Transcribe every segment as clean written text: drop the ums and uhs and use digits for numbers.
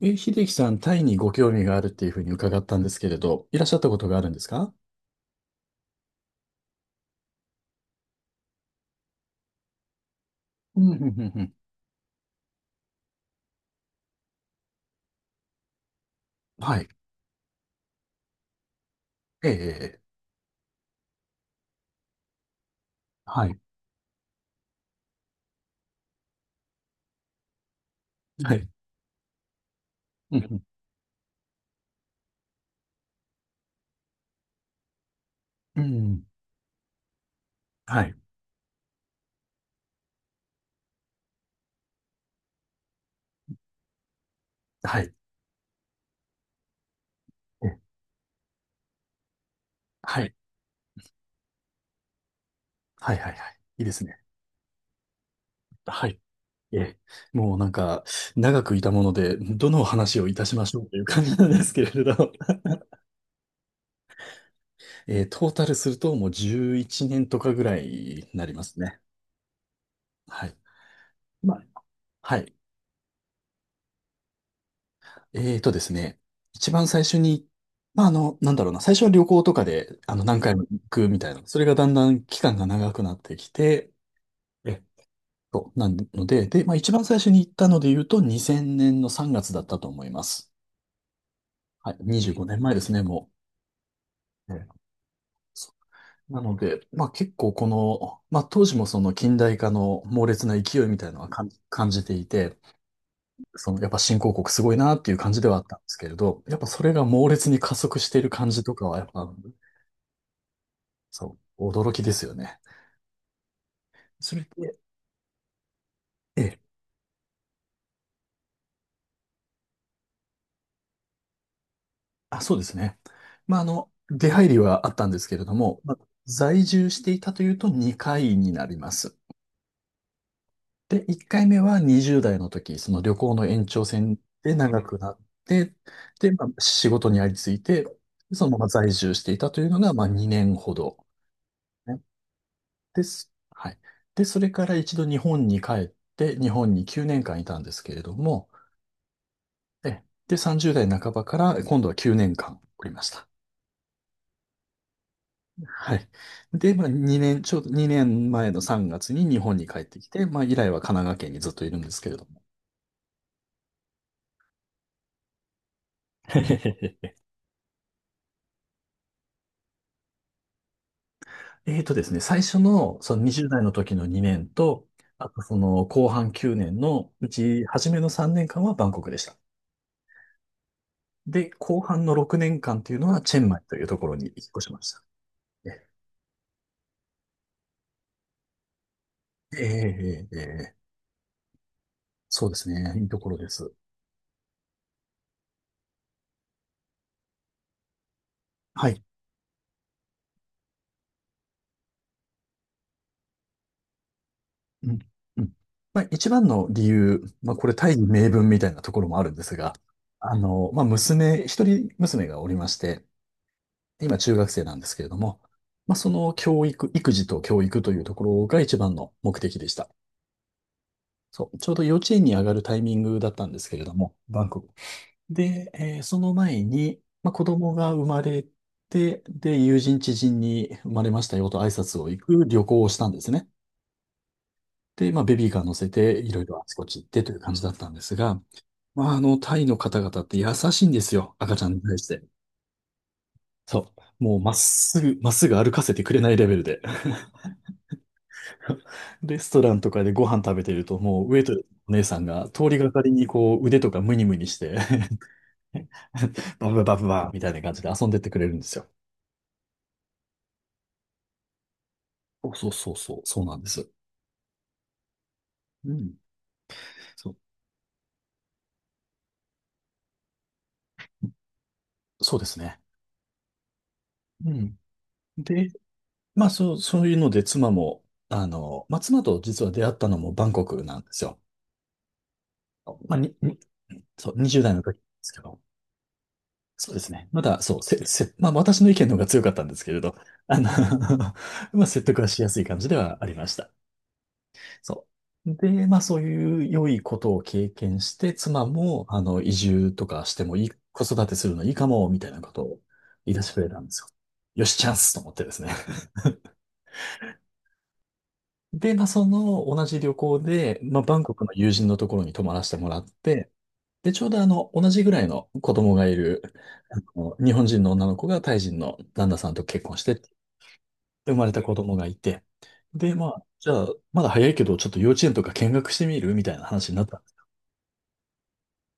え、秀樹さん、タイにご興味があるっていうふうに伺ったんですけれど、いらっしゃったことがあるんですか？うん、うん、うん。うん。はい。ええ、はい。はい。うん、うん。うん、はい。はい。え、はい。はい、はい、はい。いいですね。はい。ええ、もうなんか、長くいたもので、どの話をいたしましょうという感じなんですけれど、トータルするともう11年とかぐらいになりますね。はい。まあはい。えーとですね、一番最初に、なんだろうな、最初は旅行とかで、何回も行くみたいな、それがだんだん期間が長くなってきて、え、そうなので、で、一番最初に行ったので言うと、2000年の3月だったと思います。はい、25年前ですね、もう。ええ、そうなので、結構この、当時もその近代化の猛烈な勢いみたいなのは感じていて、そのやっぱ新興国すごいなっていう感じではあったんですけれど、やっぱそれが猛烈に加速している感じとかは、やっぱそう、驚きですよね。それで、ええ、あ、そうですね。出入りはあったんですけれども、在住していたというと2回になります。で、1回目は20代の時、その旅行の延長線で長くなって、で、仕事にありついて、そのまま在住していたというのが、2年ほど、ね。です。はい。で、それから一度日本に帰って、日本に9年間いたんですけれども、で、30代半ばから今度は9年間おりました。はい。で、2年、ちょうど2年前の3月に日本に帰ってきて、以来は神奈川県にずっといるんですけれども。えーとですね、最初のその20代の時の2年と、あとその後半9年のうち初めの3年間はバンコクでした。で、後半の6年間というのはチェンマイというところに引っ越しました。ええええええ、そうですね。いいところです。はい。うんうん、一番の理由、これ大義名分みたいなところもあるんですが、一人娘がおりまして、今中学生なんですけれども、その教育、育児と教育というところが一番の目的でした。そう、ちょうど幼稚園に上がるタイミングだったんですけれども、バンコク。で、その前に、子供が生まれて、で、友人知人に生まれましたよと挨拶を行く旅行をしたんですね。で、ベビーカー乗せて、いろいろあちこち行ってという感じだったんですが、タイの方々って優しいんですよ。赤ちゃんに対して。そう。もう、まっすぐ、まっすぐ歩かせてくれないレベルで。レストランとかでご飯食べてると、もう、ウェイトレスのお姉さんが通りがかりに、こう、腕とかムニムニして バブバブバブみたいな感じで遊んでってくれるんですよ。そうそうそうそう、そうなんです。うん。そう、そうですね。うん。で、そう、そういうので、妻も、妻と実は出会ったのもバンコクなんですよ。まあ、に、にそう、20代の時ですけど、そうですね。まだ、そう、せ、せ、まあ、私の意見の方が強かったんですけれど、あの 説得はしやすい感じではありました。そう。で、そういう良いことを経験して、妻も、移住とかしてもいい、子育てするのいいかも、みたいなことを言い出してくれたんですよ。よし、チャンスと思ってですね。で、その同じ旅行で、バンコクの友人のところに泊まらせてもらって、で、ちょうど同じぐらいの子供がいる、日本人の女の子がタイ人の旦那さんと結婚して、生まれた子供がいて、で、じゃあ、まだ早いけど、ちょっと幼稚園とか見学してみるみたいな話になったんです。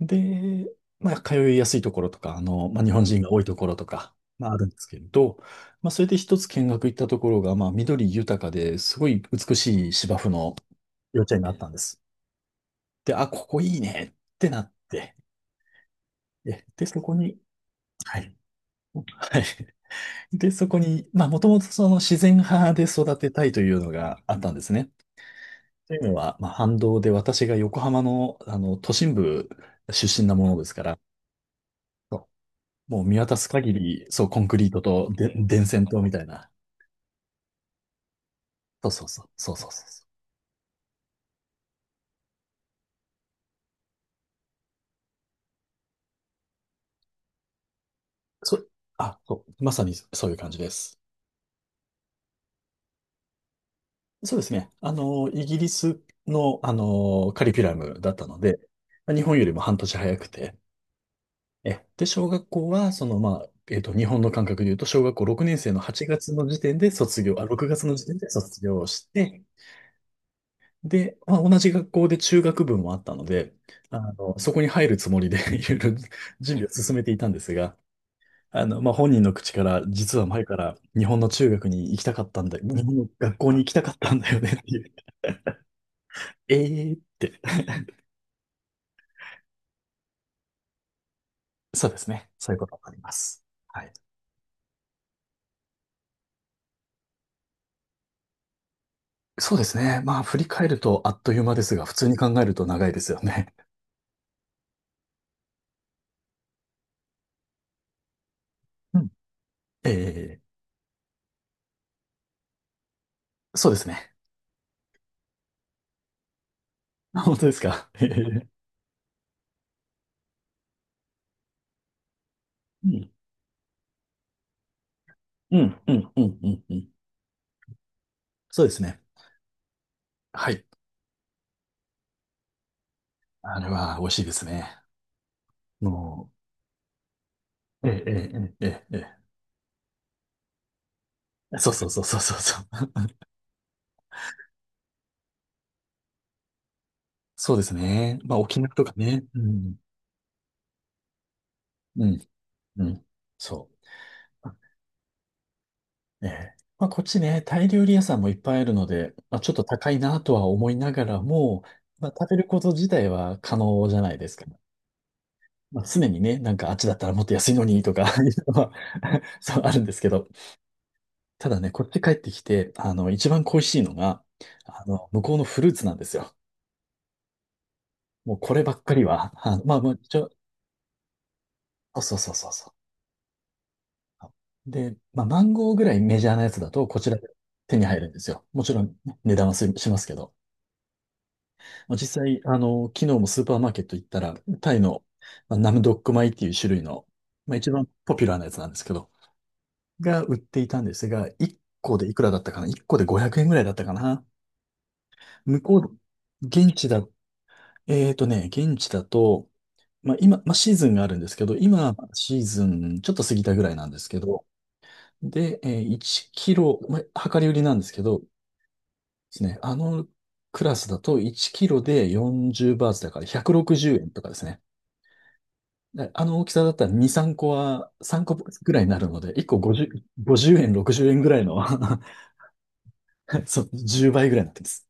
で、通いやすいところとか、日本人が多いところとか、あるんですけれど、それで一つ見学行ったところが、緑豊かで、すごい美しい芝生の幼稚園があったんです。で、あ、ここいいねってなって、で、でそこに、はい。はい。で、そこに、もともとその自然派で育てたいというのがあったんですね。というのは、反動で私が横浜の、都心部出身なものですから、そう、もう見渡す限り、そう、コンクリートとで電線とみたいな。そうそうそう、そうそうそう。そう、あ、そう、まさにそういう感じです。そうですね。イギリスの、カリキュラムだったので、日本よりも半年早くて、で、小学校は、日本の感覚で言うと、小学校6年生の8月の時点で卒業、あ、6月の時点で卒業して、で、同じ学校で中学部もあったので、そこに入るつもりで いろいろ準備を進めていたんですが、本人の口から、実は前から日本の中学に行きたかったんだ、日本の学校に行きたかったんだよねっていう。ええって。そうですね。そういうことになります。はい。そうですね。振り返るとあっという間ですが、普通に考えると長いですよね。うん。ええ、そうですね。本当ですか。ええ、うん、うん、うん、うん、うん。うん、そうですね。はい。あれは美味しいですね。もう、ええ、ええ、ええ、ええ。そうそうそうそうそうそう。そうですね。沖縄とかね。うん、うん、うん。そう。ええ。こっちね、タイ料理屋さんもいっぱいあるので、ちょっと高いなとは思いながらも、食べること自体は可能じゃないですか。常にね、なんかあっちだったらもっと安いのにとか いうのは そうあるんですけど、ただね、こっち帰ってきて、一番恋しいのが、向こうのフルーツなんですよ。もうこればっかりは、一応、そうそうそうそうそう。で、マンゴーぐらいメジャーなやつだと、こちらで手に入るんですよ。もちろんね、値段はすしますけど。実際、昨日もスーパーマーケット行ったら、タイの、ナムドック米っていう種類の、一番ポピュラーなやつなんですけど、が売っていたんですが、1個でいくらだったかな？ 1 個で500円ぐらいだったかな。向こう、現地だ、現地だと、今、シーズンがあるんですけど、今、シーズンちょっと過ぎたぐらいなんですけど、で、1キロ、量り売りなんですけど、ですね、あのクラスだと1キロで40バーツだから160円とかですね。で、あの大きさだったら2、3個は、3個ぐらいになるので、1個50、50円、60円ぐらいの そう、10倍ぐらいになってます。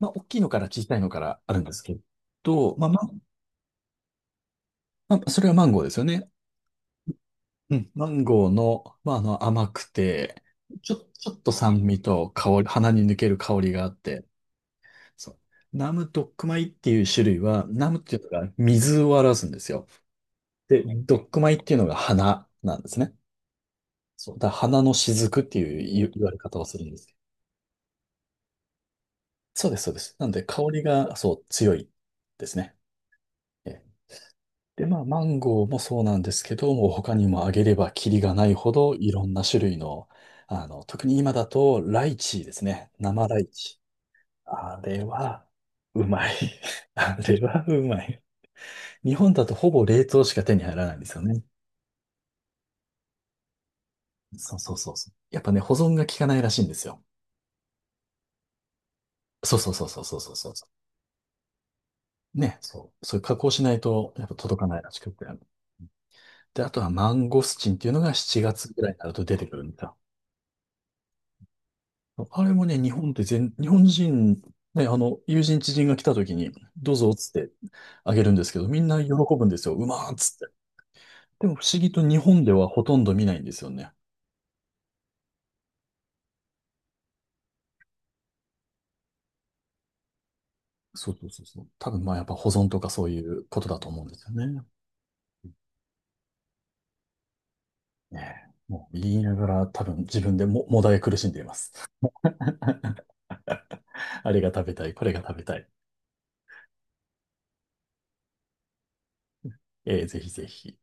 大きいのから小さいのからあるんですけど、まあまあ、それはマンゴーですよね。うん。マンゴーの、甘くて、ちょっと酸味と香り、鼻に抜ける香りがあって、そう。ナムドックマイっていう種類は、ナムっていうのが水を表すんですよ。で、ドックマイっていうのが花なんですね。そう。だから花の雫っていう言われ方をするんです。そうです、そうです。なんで、香りが、そう、強いですね。ええ。で、マンゴーもそうなんですけど、もう他にもあげればキリがないほどいろんな種類の、特に今だとライチですね。生ライチ。あれは、うまい。あれはうまい。日本だとほぼ冷凍しか手に入らないんですよね。そうそうそうそう。やっぱね、保存が効かないらしいんですよ。そうそうそうそうそうそうそうそう。ね、そう。そういう加工しないと、やっぱ届かないらしくて。で、あとはマンゴスチンっていうのが7月ぐらいになると出てくるんだ。あれもね、日本って日本人、ね、友人知人が来た時に、どうぞっつってあげるんですけど、みんな喜ぶんですよ。うまーっつって。でも不思議と日本ではほとんど見ないんですよね。そうそうそうそう。多分やっぱ保存とかそういうことだと思うんですよね。ねえもう言いながら多分自分でも、もだえ苦しんでいます。あれが食べたい、これが食べたい。ぜひぜひ。